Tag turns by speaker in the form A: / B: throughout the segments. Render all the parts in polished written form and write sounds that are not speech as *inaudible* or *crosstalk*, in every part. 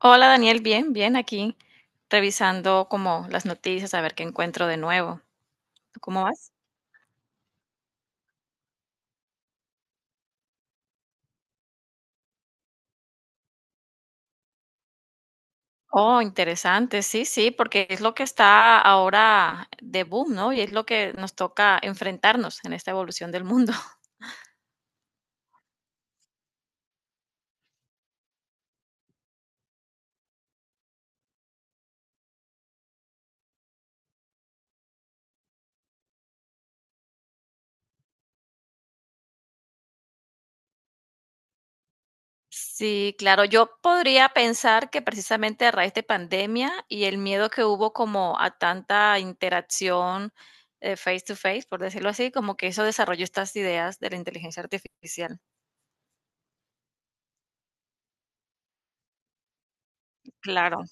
A: Hola Daniel, bien, bien, aquí revisando como las noticias, a ver qué encuentro de nuevo. ¿Tú cómo vas? Oh, interesante, sí, sí, porque es lo que está ahora de boom, ¿no? Y es lo que nos toca enfrentarnos en esta evolución del mundo. *laughs* Sí, claro, yo podría pensar que precisamente a raíz de pandemia y el miedo que hubo como a tanta interacción face to face, por decirlo así, como que eso desarrolló estas ideas de la inteligencia artificial. Claro.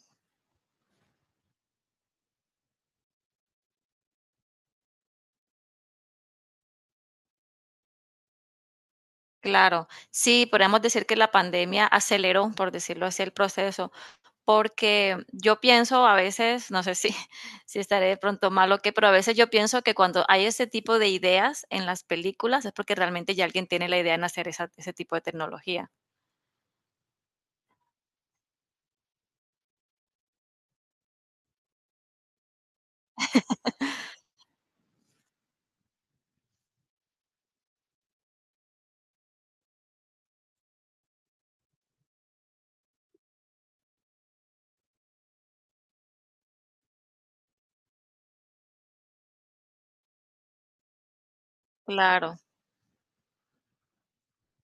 A: Claro, sí, podríamos decir que la pandemia aceleró, por decirlo así, el proceso, porque yo pienso a veces, no sé si, *laughs* si estaré de pronto mal o qué, pero a veces yo pienso que cuando hay ese tipo de ideas en las películas es porque realmente ya alguien tiene la idea en hacer ese tipo de tecnología. Claro.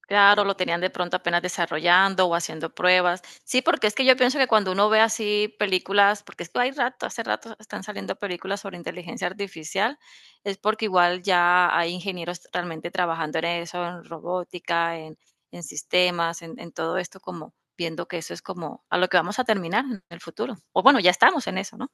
A: Claro, lo tenían de pronto apenas desarrollando o haciendo pruebas. Sí, porque es que yo pienso que cuando uno ve así películas, porque es que hay rato, hace rato están saliendo películas sobre inteligencia artificial, es porque igual ya hay ingenieros realmente trabajando en eso, en robótica, en sistemas, en todo esto, como viendo que eso es como a lo que vamos a terminar en el futuro. O bueno, ya estamos en eso, ¿no?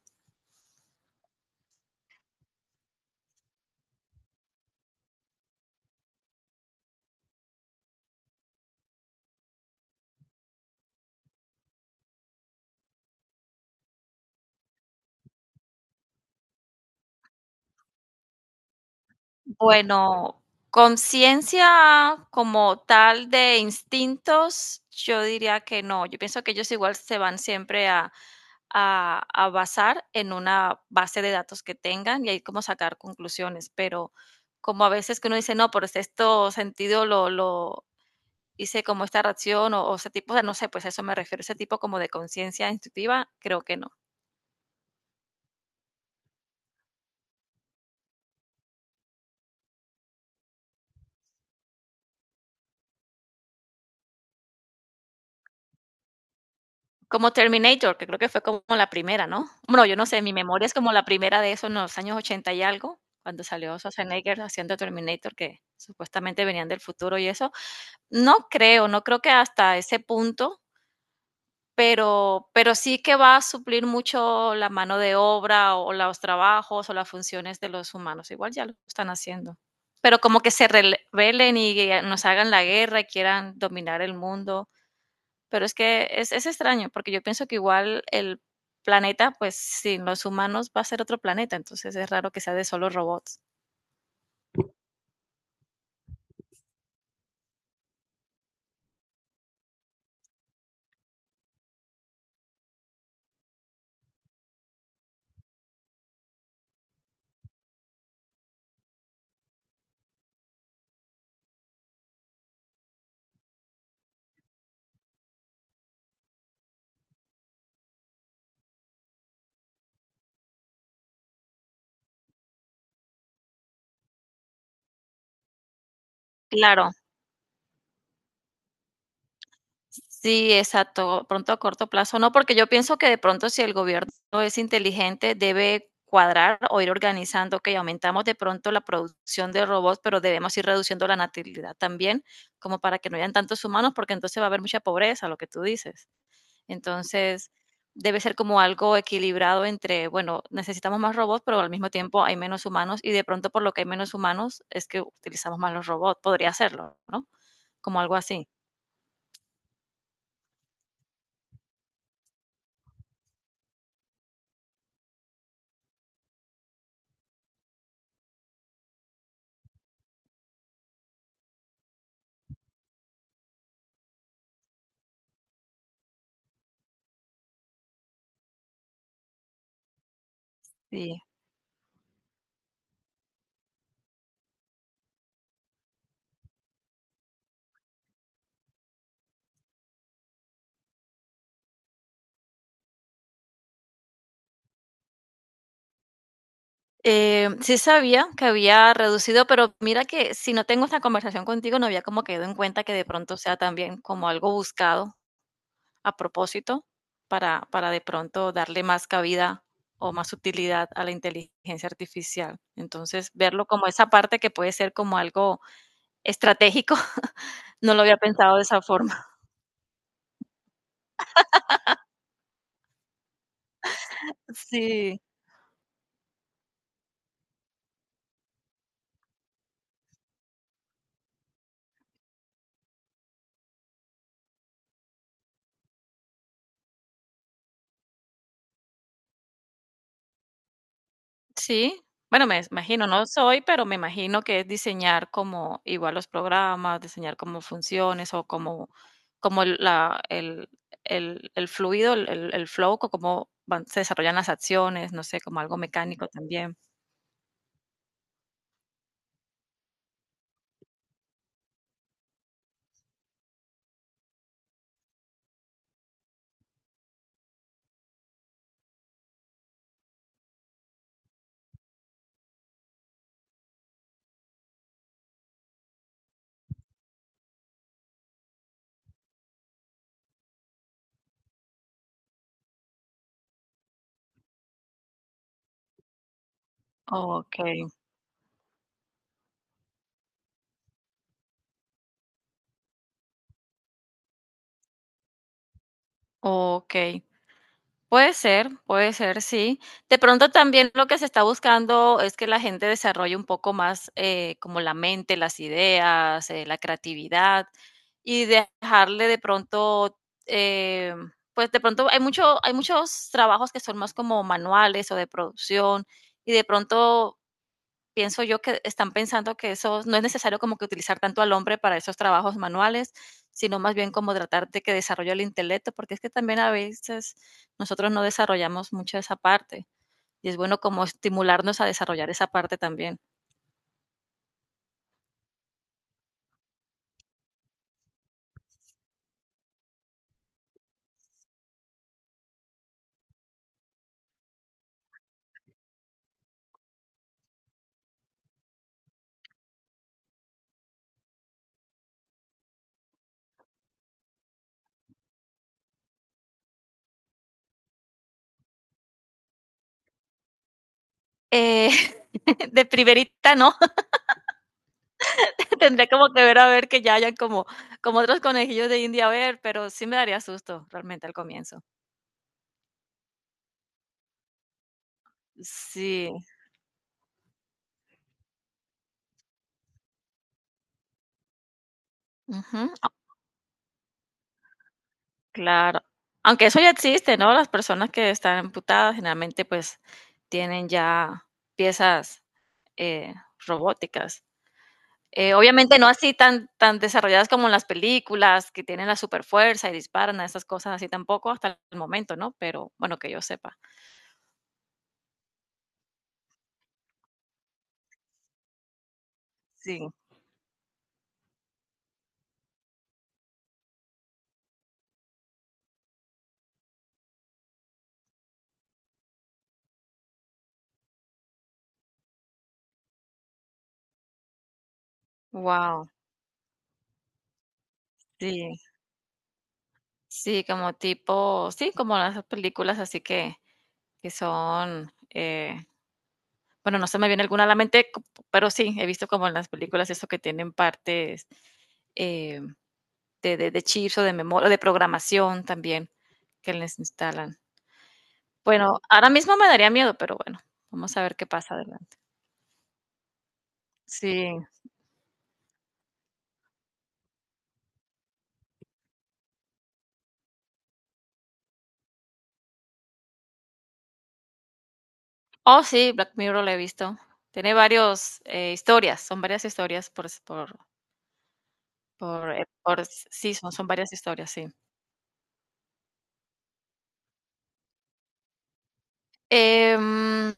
A: Bueno, conciencia como tal de instintos, yo diría que no. Yo pienso que ellos igual se van siempre a basar en una base de datos que tengan y ahí como sacar conclusiones, pero como a veces que uno dice, no, por este esto sentido lo hice como esta reacción o ese tipo de, no sé, pues a eso me refiero, ese tipo como de conciencia instintiva, creo que no. Como Terminator, que creo que fue como la primera, ¿no? Bueno, yo no sé, mi memoria es como la primera de eso en los años 80 y algo, cuando salió Schwarzenegger haciendo Terminator, que supuestamente venían del futuro y eso. No creo, no creo que hasta ese punto, pero sí que va a suplir mucho la mano de obra, o los trabajos, o las funciones de los humanos. Igual ya lo están haciendo. Pero como que se rele rebelen y nos hagan la guerra y quieran dominar el mundo. Pero es que es extraño, porque yo pienso que igual el planeta, pues sin los humanos va a ser otro planeta, entonces es raro que sea de solo robots. Claro, sí, exacto, pronto a corto plazo, no, porque yo pienso que de pronto si el gobierno es inteligente debe cuadrar o ir organizando, que aumentamos de pronto la producción de robots, pero debemos ir reduciendo la natalidad también, como para que no hayan tantos humanos, porque entonces va a haber mucha pobreza, lo que tú dices. Entonces, debe ser como algo equilibrado entre, bueno, necesitamos más robots, pero al mismo tiempo hay menos humanos y de pronto por lo que hay menos humanos es que utilizamos más los robots. Podría serlo, ¿no? Como algo así. Sí. Sí sabía que había reducido, pero mira que si no tengo esta conversación contigo, no había como quedado en cuenta que de pronto sea también como algo buscado a propósito para de pronto darle más cabida o más utilidad a la inteligencia artificial. Entonces, verlo como esa parte que puede ser como algo estratégico, *laughs* no lo había pensado de esa forma. Sí, sí. Bueno, me imagino, no soy, pero me imagino que es diseñar como igual los programas, diseñar como funciones o como, como el fluido, el flow, o se desarrollan las acciones, no sé, como algo mecánico también. Ok. Ok, puede ser, sí. De pronto también lo que se está buscando es que la gente desarrolle un poco más como la mente, las ideas, la creatividad y dejarle de pronto, eh, pues de pronto hay mucho, hay muchos trabajos que son más como manuales o de producción y de pronto pienso yo que están pensando que eso no es necesario como que utilizar tanto al hombre para esos trabajos manuales, sino más bien como tratar de que desarrolle el intelecto, porque es que también a veces nosotros no desarrollamos mucho esa parte y es bueno como estimularnos a desarrollar esa parte también. Eh, *laughs* de primerita no, *laughs* tendría como que ver a ver que ya hayan como, como otros conejillos de India, a ver, pero sí me daría susto realmente al comienzo. Sí. Ujú. Claro. Aunque eso ya existe, ¿no? Las personas que están amputadas generalmente pues tienen ya piezas, eh, robóticas. Obviamente no así tan desarrolladas como en las películas, que tienen la superfuerza y disparan a esas cosas así tampoco hasta el momento, ¿no? Pero bueno, que yo sepa. Sí. Wow. Sí. Sí, como tipo sí, como las películas así que son, bueno, no se me viene alguna a la mente, pero sí, he visto como en las películas eso que tienen partes, eh, de chips o de memoria, de programación también, que les instalan. Bueno, ahora mismo me daría miedo, pero bueno, vamos a ver qué pasa adelante. Sí. Oh, sí, Black Mirror la he visto. Tiene varios, historias, son varias historias por s- sí, son varias historias, sí. Em,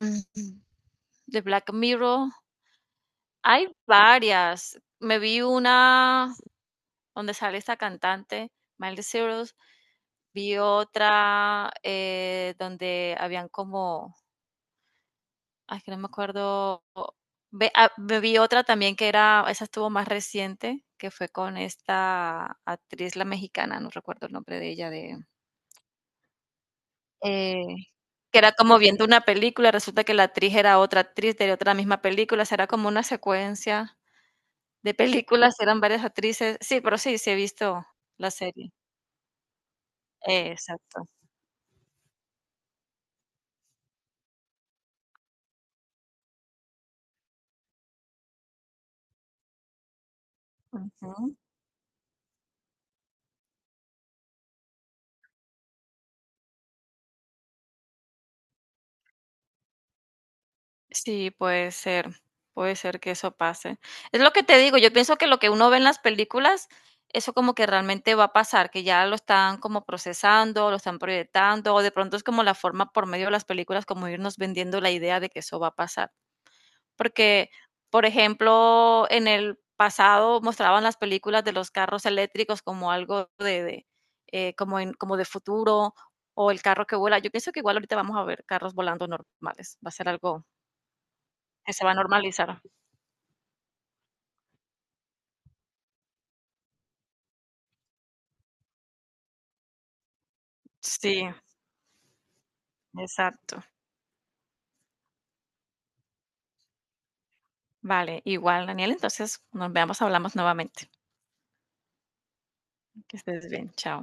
A: de Black Mirror, hay varias. Me vi una donde sale esta cantante, Miley Cyrus. Vi otra donde habían como, ay, que no me acuerdo. Vi otra también que era, esa estuvo más reciente, que fue con esta actriz, la mexicana, no recuerdo el nombre de ella, de, eh, que era como viendo una película, resulta que la actriz era otra actriz de otra misma película, será como una secuencia de películas, eran varias actrices. Sí, pero sí, sí he visto la serie. Exacto. Ujú. Sí, puede ser que eso pase. Es lo que te digo, yo pienso que lo que uno ve en las películas, eso como que realmente va a pasar, que ya lo están como procesando, lo están proyectando, o de pronto es como la forma por medio de las películas como irnos vendiendo la idea de que eso va a pasar. Porque, por ejemplo, en el pasado mostraban las películas de los carros eléctricos como algo de, como en, como de futuro, o el carro que vuela. Yo pienso que igual ahorita vamos a ver carros volando normales, va a ser algo que se va a normalizar. Sí, exacto. Vale, igual, Daniel, entonces nos veamos, hablamos nuevamente. Que estés bien, chao.